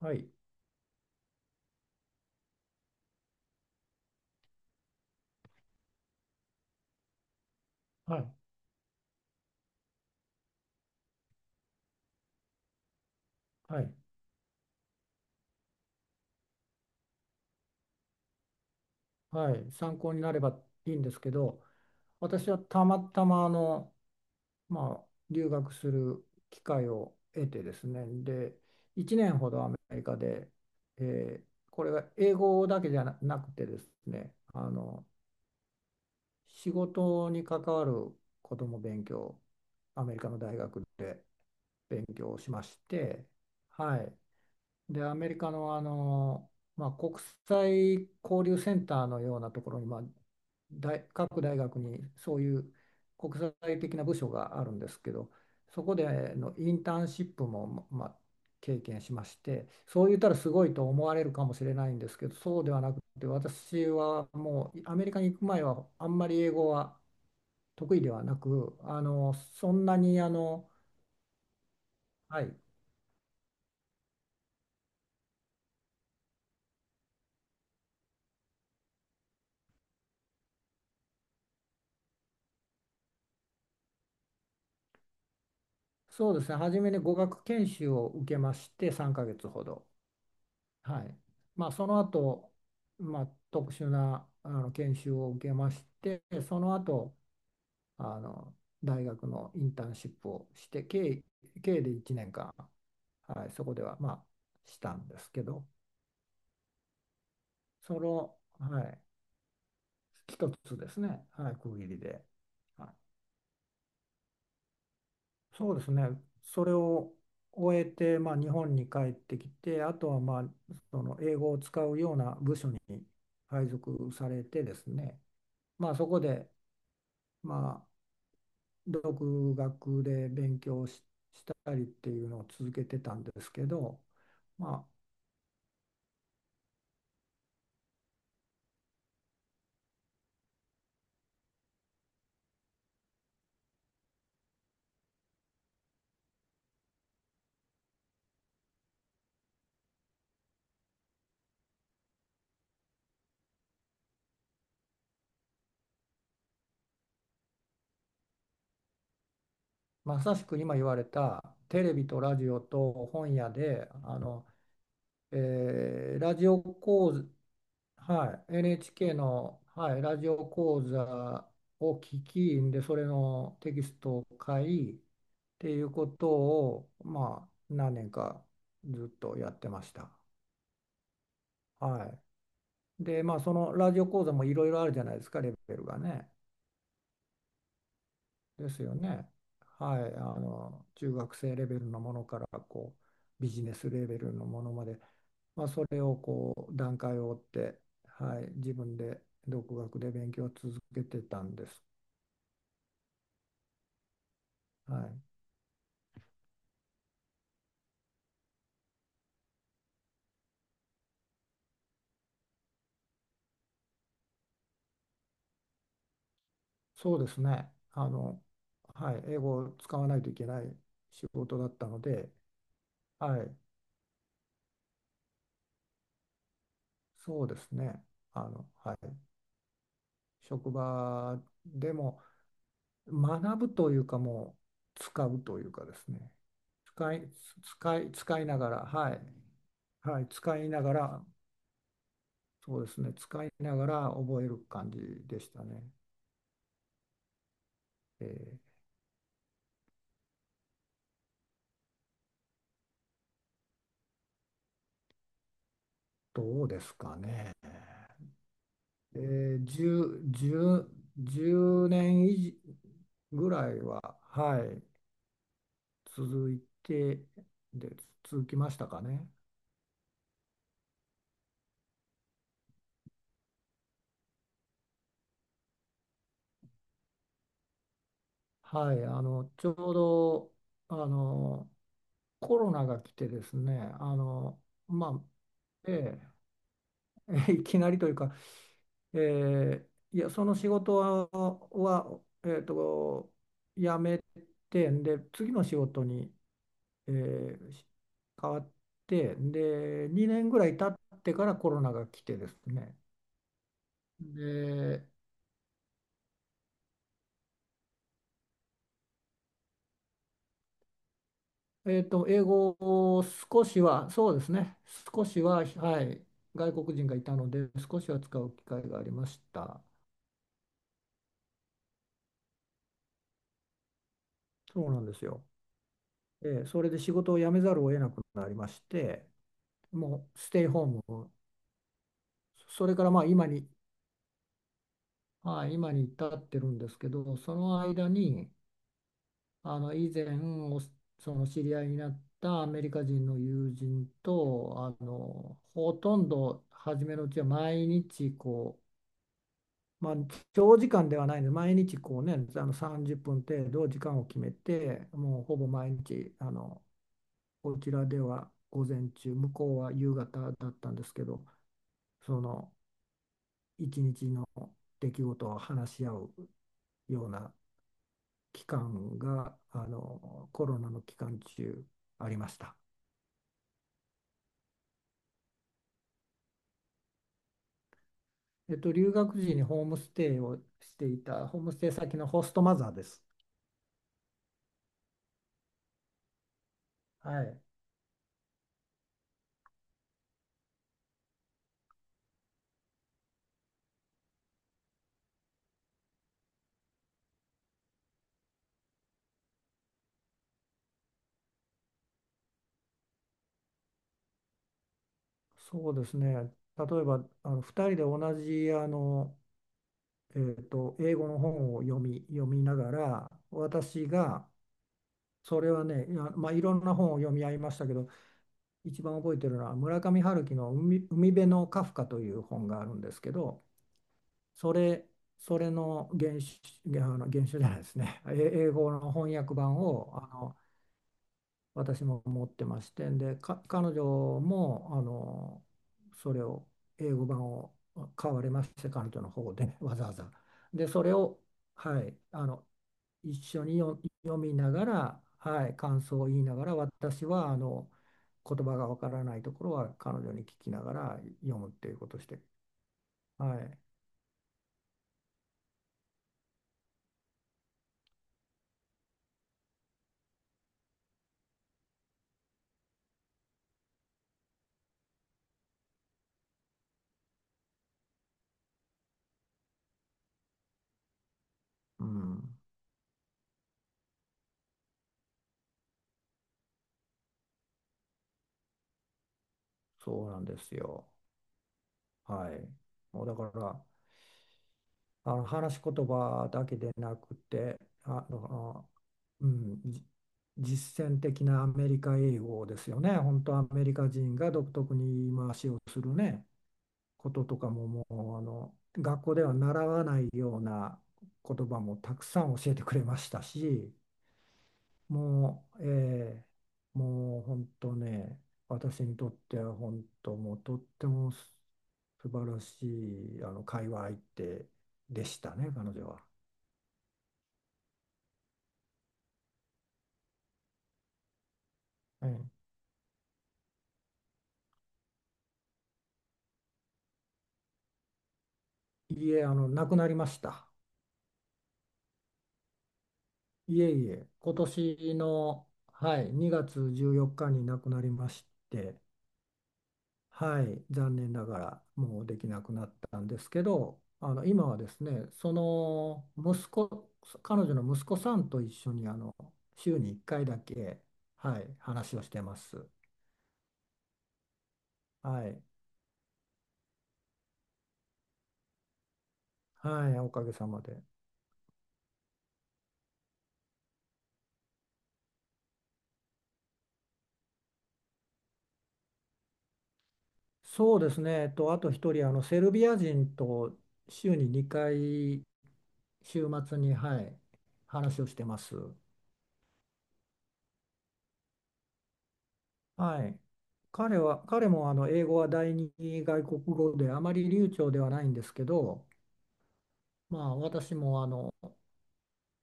はい、はい、はい、はい、参考になればいいんですけど、私はたまたま留学する機会を得てですね、で、1年ほどアメリカで、これが英語だけじゃななくてですね、仕事に関わることも勉強、アメリカの大学で勉強しまして、はい、で、アメリカの、国際交流センターのようなところに、各大学にそういう国際的な部署があるんですけど、そこでのインターンシップも、経験しまして、そう言ったらすごいと思われるかもしれないんですけど、そうではなくて、私はもうアメリカに行く前はあんまり英語は得意ではなく、あの、そんなにあの、はい、そうですね、初めに語学研修を受けまして、3ヶ月ほど。はい。その後、特殊な研修を受けまして、その後、あの大学のインターンシップをして、計で1年間、はい、そこでは、したんですけど、はい、一つですね、はい、区切りで。はい、そうですね。それを終えて、日本に帰ってきて、あとは、その英語を使うような部署に配属されてですね、まあ、そこで、まあ、独学で勉強し、したりっていうのを続けてたんですけど、まあ、まさしく今言われたテレビとラジオと本屋でラジオ講はい、NHK の、はい、ラジオ講座を聞きで、それのテキストを買いっていうことを、何年かずっとやってました。はい。で、そのラジオ講座もいろいろあるじゃないですか、レベルがね。ですよね。はい、中学生レベルのものから、こう、ビジネスレベルのものまで、それをこう、段階を追って、はい、自分で独学で勉強を続けてたんです。はい、そうですね。はい、英語を使わないといけない仕事だったので、はい、そうですね。はい、職場でも学ぶというか、もう使うというかですね。使い、使いながら、はい、はい、使いながら、そうですね、使いながら覚える感じでしたね。えーどうですかね。10、1年以上ぐらいは、はい、続いて、で、続きましたかね。はい、あの、ちょうど、あの、コロナが来てですね、まあ、ええ いきなりというか、ええ、いや、その仕事は、はえっと、辞めて、で、次の仕事にえーし変わってで2年ぐらい経ってからコロナが来てですね、で、英語を少しは、そうですね、少しは、はい、外国人がいたので少しは使う機会がありました。そうなんですよ、それで仕事を辞めざるを得なくなりまして、もうステイホームを、それから今に、はい、今に至ってるんですけど、その間に以前その知り合いになったアメリカ人の友人とほとんど初めのうちは毎日こう、長時間ではないので毎日こうね30分程度時間を決めてもうほぼ毎日こちらでは午前中向こうは夕方だったんですけど、その一日の出来事を話し合うような期間がコロナの期間中ありました。留学時にホームステイをしていた、ホームステイ先のホストマザーです。はい。そうですね。例えば、2人で同じ、英語の本を読みながら、私が、それはね、いや、いろんな本を読み合いましたけど、一番覚えてるのは、村上春樹の海辺のカフカという本があるんですけど、それ、それの原種、原種じゃないですね、英語の翻訳版を、私も持ってましてでか彼女もそれを英語版を買われまして、彼女の方で わざわざ、でそれを、はい、一緒に読みながら、はい、感想を言いながら、私は言葉がわからないところは彼女に聞きながら読むっていうことをして、はい、うん、そうなんですよ。はい、もうだから話し言葉だけでなくてうん、実践的なアメリカ英語ですよね。本当アメリカ人が独特に言い回しをするね、こととかも、もう学校では習わないような言葉もたくさん教えてくれましたし、もう、えーもう本当ね、私にとっては本当もうとっても素晴らしい会話相手でしたね、彼女は。ええ、いえ、亡くなりました。いえいえ、今年の、はい、2月14日に亡くなりまして、はい、残念ながらもうできなくなったんですけど、今はですね、その息子、彼女の息子さんと一緒に、週に1回だけ、はい、話をしてます。はい、はい、おかげさまで。そうですね、あと一人、セルビア人と週に2回、週末に、はい、話をしてます。はい。彼も英語は第二外国語であまり流暢ではないんですけど、私も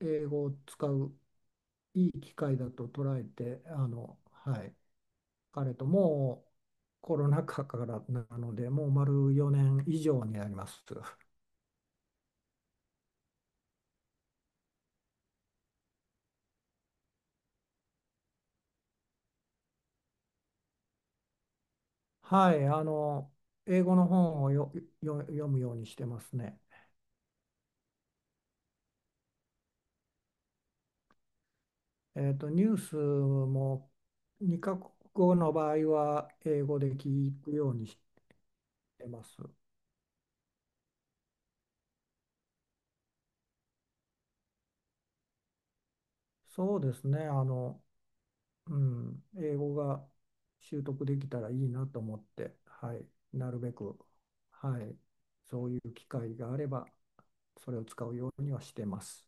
英語を使ういい機会だと捉えて、はい、彼ともうコロナ禍からなので、もう丸4年以上になります。はい、英語の本を読むようにしてますね。ニュースも2カ国語の場合は英語で聞くようにしてます。そうですね、英語が習得できたらいいなと思って、はい、なるべく、はい、そういう機会があれば、それを使うようにはしてます。